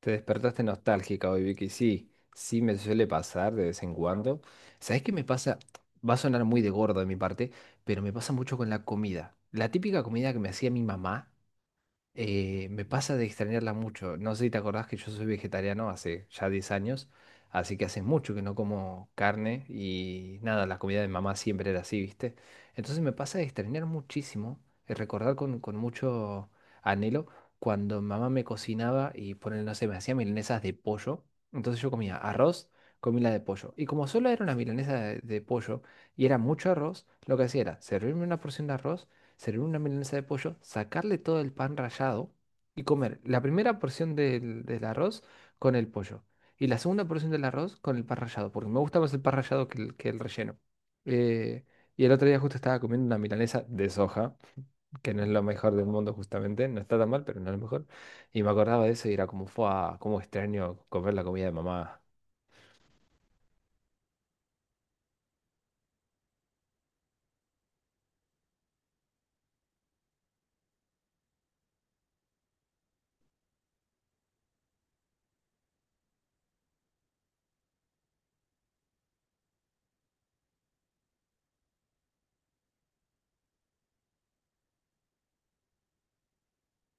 Te despertaste nostálgica hoy, Vicky. Sí, me suele pasar de vez en cuando. ¿Sabes qué me pasa? Va a sonar muy de gordo de mi parte, pero me pasa mucho con la comida. La típica comida que me hacía mi mamá me pasa de extrañarla mucho. No sé si te acordás que yo soy vegetariano hace ya 10 años, así que hace mucho que no como carne y nada, la comida de mamá siempre era así, ¿viste? Entonces me pasa de extrañar muchísimo, y recordar con mucho anhelo cuando mamá me cocinaba y ponen, no sé, me hacía milanesas de pollo. Entonces yo comía arroz, comí la de pollo. Y como solo era una milanesa de pollo y era mucho arroz, lo que hacía era servirme una porción de arroz servir una milanesa de pollo, sacarle todo el pan rallado y comer la primera porción del arroz con el pollo y la segunda porción del arroz con el pan rallado, porque me gusta más el pan rallado que que el relleno. Eh, y el otro día justo estaba comiendo una milanesa de soja, que no es lo mejor del mundo justamente, no está tan mal, pero no es lo mejor. Y me acordaba de eso y era como, fue cómo extraño comer la comida de mamá.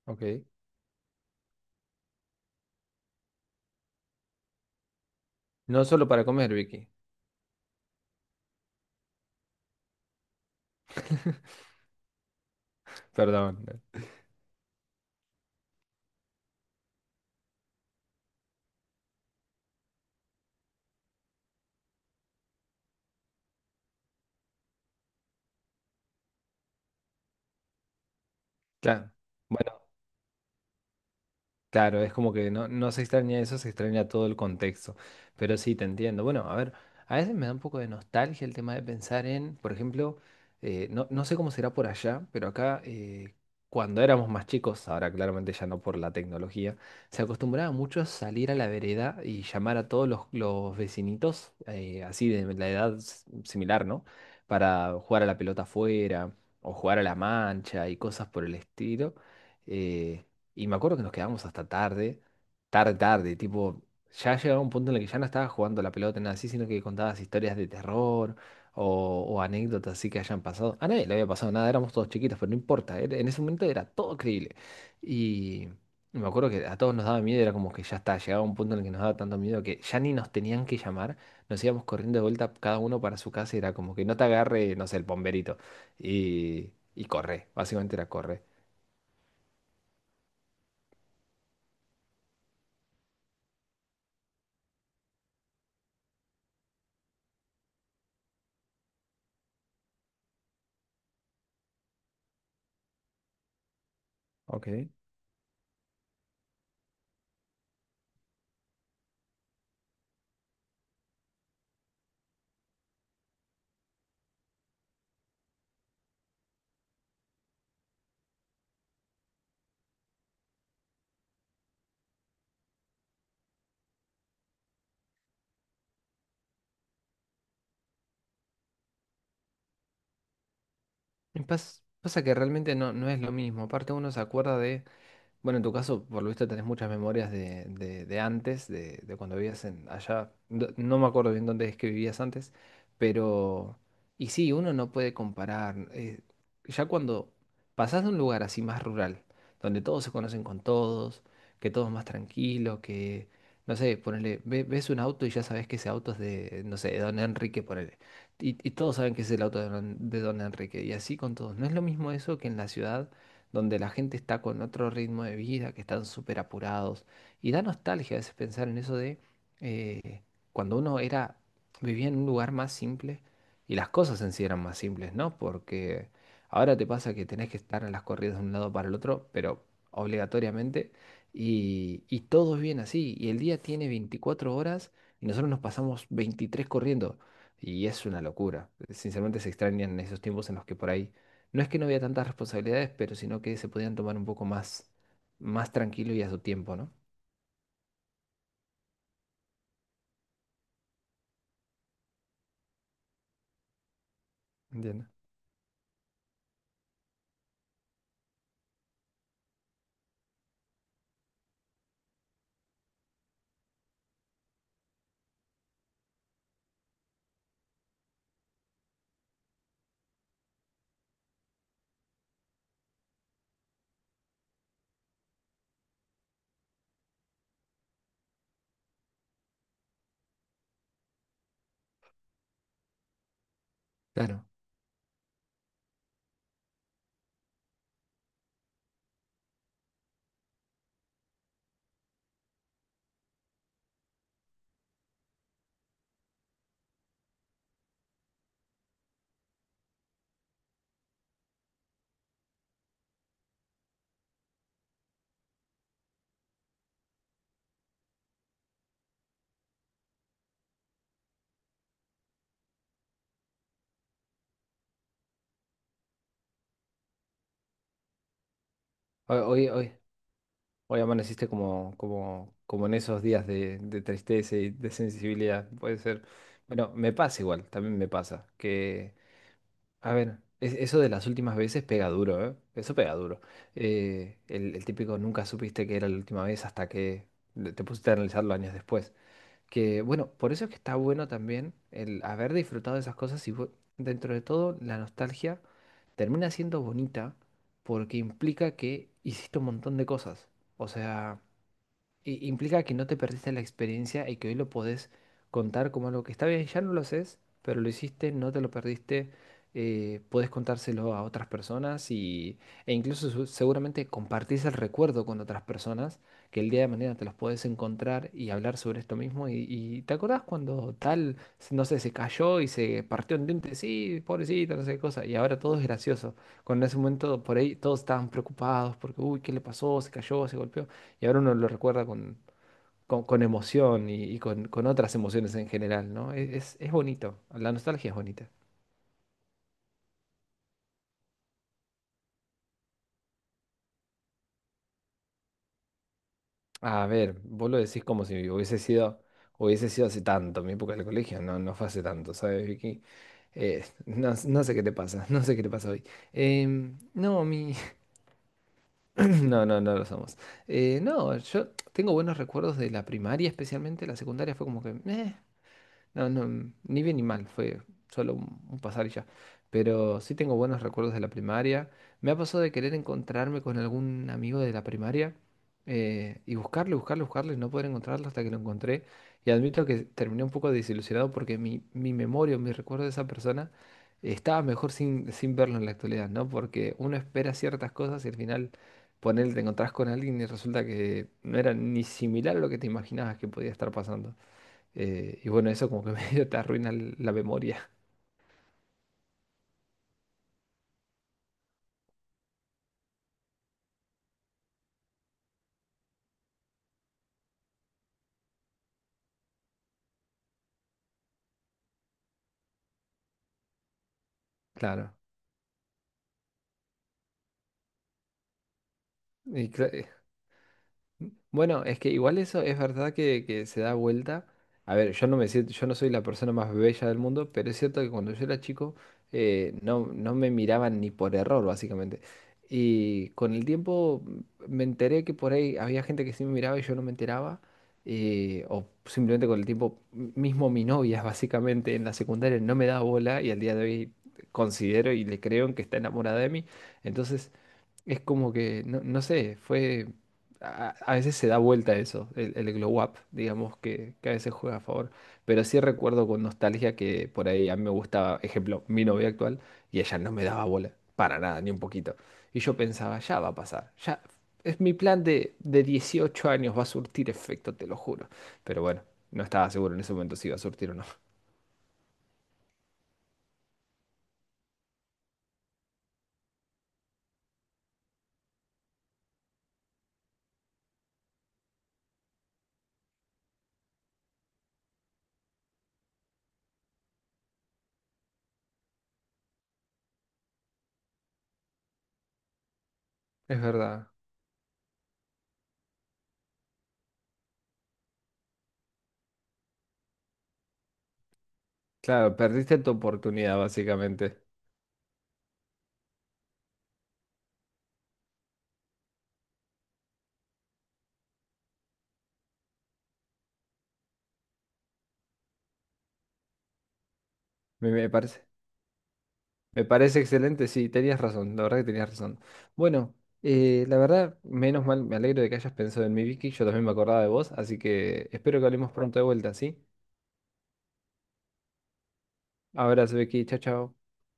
Ok. No solo para comer, Vicky. Perdón. Claro. Bueno. Claro, es como que no se extraña eso, se extraña todo el contexto. Pero sí, te entiendo. Bueno, a ver, a veces me da un poco de nostalgia el tema de pensar en, por ejemplo, no sé cómo será por allá, pero acá cuando éramos más chicos, ahora claramente ya no por la tecnología, se acostumbraba mucho a salir a la vereda y llamar a todos los vecinitos, así de la edad similar, ¿no? Para jugar a la pelota afuera o jugar a la mancha y cosas por el estilo. Eh, y me acuerdo que nos quedábamos hasta tarde, tipo, ya llegaba un punto en el que ya no estaba jugando a la pelota, nada así, sino que contabas historias de terror o anécdotas así que hayan pasado. A nadie le había pasado nada, éramos todos chiquitos, pero no importa, en ese momento era todo creíble. Y y me acuerdo que a todos nos daba miedo, era como que ya está, llegaba un punto en el que nos daba tanto miedo que ya ni nos tenían que llamar, nos íbamos corriendo de vuelta cada uno para su casa, y era como que no te agarre, no sé, el bomberito. Y corre, básicamente era corre. Ok. Y pasa que realmente no es lo mismo. Aparte uno se acuerda de, bueno, en tu caso, por lo visto, tenés muchas memorias de, de antes, de cuando vivías en allá. No me acuerdo bien dónde es que vivías antes, pero... Y sí, uno no puede comparar. Ya cuando pasás de un lugar así más rural, donde todos se conocen con todos, que todo es más tranquilo, que, no sé, ponele, ves un auto y ya sabes que ese auto es de, no sé, de don Enrique, ponele. Y todos saben que es el auto de don Enrique. Y así con todos. No es lo mismo eso que en la ciudad donde la gente está con otro ritmo de vida, que están súper apurados. Y da nostalgia a veces pensar en eso de eh, cuando uno era, vivía en un lugar más simple y las cosas en sí eran más simples, ¿no? Porque ahora te pasa que tenés que estar en las corridas de un lado para el otro, pero obligatoriamente, y todo es bien así. Y el día tiene 24 horas y nosotros nos pasamos 23 corriendo. Y es una locura. Sinceramente se extrañan esos tiempos en los que por ahí no es que no había tantas responsabilidades, pero sino que se podían tomar un poco más, más tranquilo y a su tiempo, ¿no? Entiendo. Claro. Hoy, hoy, hoy, hoy amaneciste como, como en esos días de tristeza y de sensibilidad. Puede ser. Bueno, me pasa igual, también me pasa. Que, a ver, eso de las últimas veces pega duro, ¿eh? Eso pega duro. El típico nunca supiste que era la última vez hasta que te pusiste a analizarlo años después. Que bueno, por eso es que está bueno también el haber disfrutado de esas cosas y dentro de todo la nostalgia termina siendo bonita porque implica que hiciste un montón de cosas. O sea, implica que no te perdiste la experiencia y que hoy lo podés contar como algo que está bien, ya no lo haces, pero lo hiciste, no te lo perdiste, podés contárselo a otras personas y, e incluso seguramente compartís el recuerdo con otras personas que el día de mañana te los podés encontrar y hablar sobre esto mismo y te acordás cuando tal, no sé, se cayó y se partió un diente, sí, pobrecito, no sé qué cosa, y ahora todo es gracioso. Cuando en ese momento por ahí todos estaban preocupados porque, uy, ¿qué le pasó? Se cayó, se golpeó. Y ahora uno lo recuerda con, con emoción y, con otras emociones en general, ¿no? Es bonito, la nostalgia es bonita. A ver, vos lo decís como si hubiese sido, hubiese sido hace tanto, mi época del colegio, no fue hace tanto, ¿sabes, Vicky? No sé qué te pasa, no sé qué te pasa hoy. No, mi... no lo somos. No, yo tengo buenos recuerdos de la primaria, especialmente la secundaria fue como que...". No, Ni bien ni mal, fue solo un pasar y ya. Pero sí tengo buenos recuerdos de la primaria. Me ha pasado de querer encontrarme con algún amigo de la primaria y buscarle, y no poder encontrarlo hasta que lo encontré. Y admito que terminé un poco desilusionado porque mi memoria o mi recuerdo de esa persona estaba mejor sin, sin verlo en la actualidad, ¿no? Porque uno espera ciertas cosas y al final, ponele, te encontrás con alguien y resulta que no era ni similar a lo que te imaginabas que podía estar pasando. Y bueno, eso como que medio te arruina la memoria. Claro. Y bueno, es que igual eso es verdad que se da vuelta. A ver, yo no me siento, yo no soy la persona más bella del mundo, pero es cierto que cuando yo era chico no me miraban ni por error, básicamente. Y con el tiempo me enteré que por ahí había gente que sí me miraba y yo no me enteraba. O simplemente con el tiempo, mismo mi novia, básicamente, en la secundaria no me daba bola y al día de hoy considero y le creo en que está enamorada de mí. Entonces. Es como que, no, no sé, fue... A veces se da vuelta eso, el glow up, digamos, que a veces juega a favor. Pero sí recuerdo con nostalgia que por ahí a mí me gustaba, ejemplo, mi novia actual, y ella no me daba bola, para nada, ni un poquito. Y yo pensaba, ya va a pasar, ya... Es mi plan de 18 años, va a surtir efecto, te lo juro. Pero bueno, no estaba seguro en ese momento si iba a surtir o no. Es verdad. Claro, perdiste tu oportunidad, básicamente. Me parece. Me parece excelente, sí, tenías razón, la verdad que tenías razón. Bueno, la verdad, menos mal, me alegro de que hayas pensado en mí, Vicky, yo también me acordaba de vos, así que espero que hablemos pronto de vuelta, ¿sí? Abrazo, Vicky, chao, chao.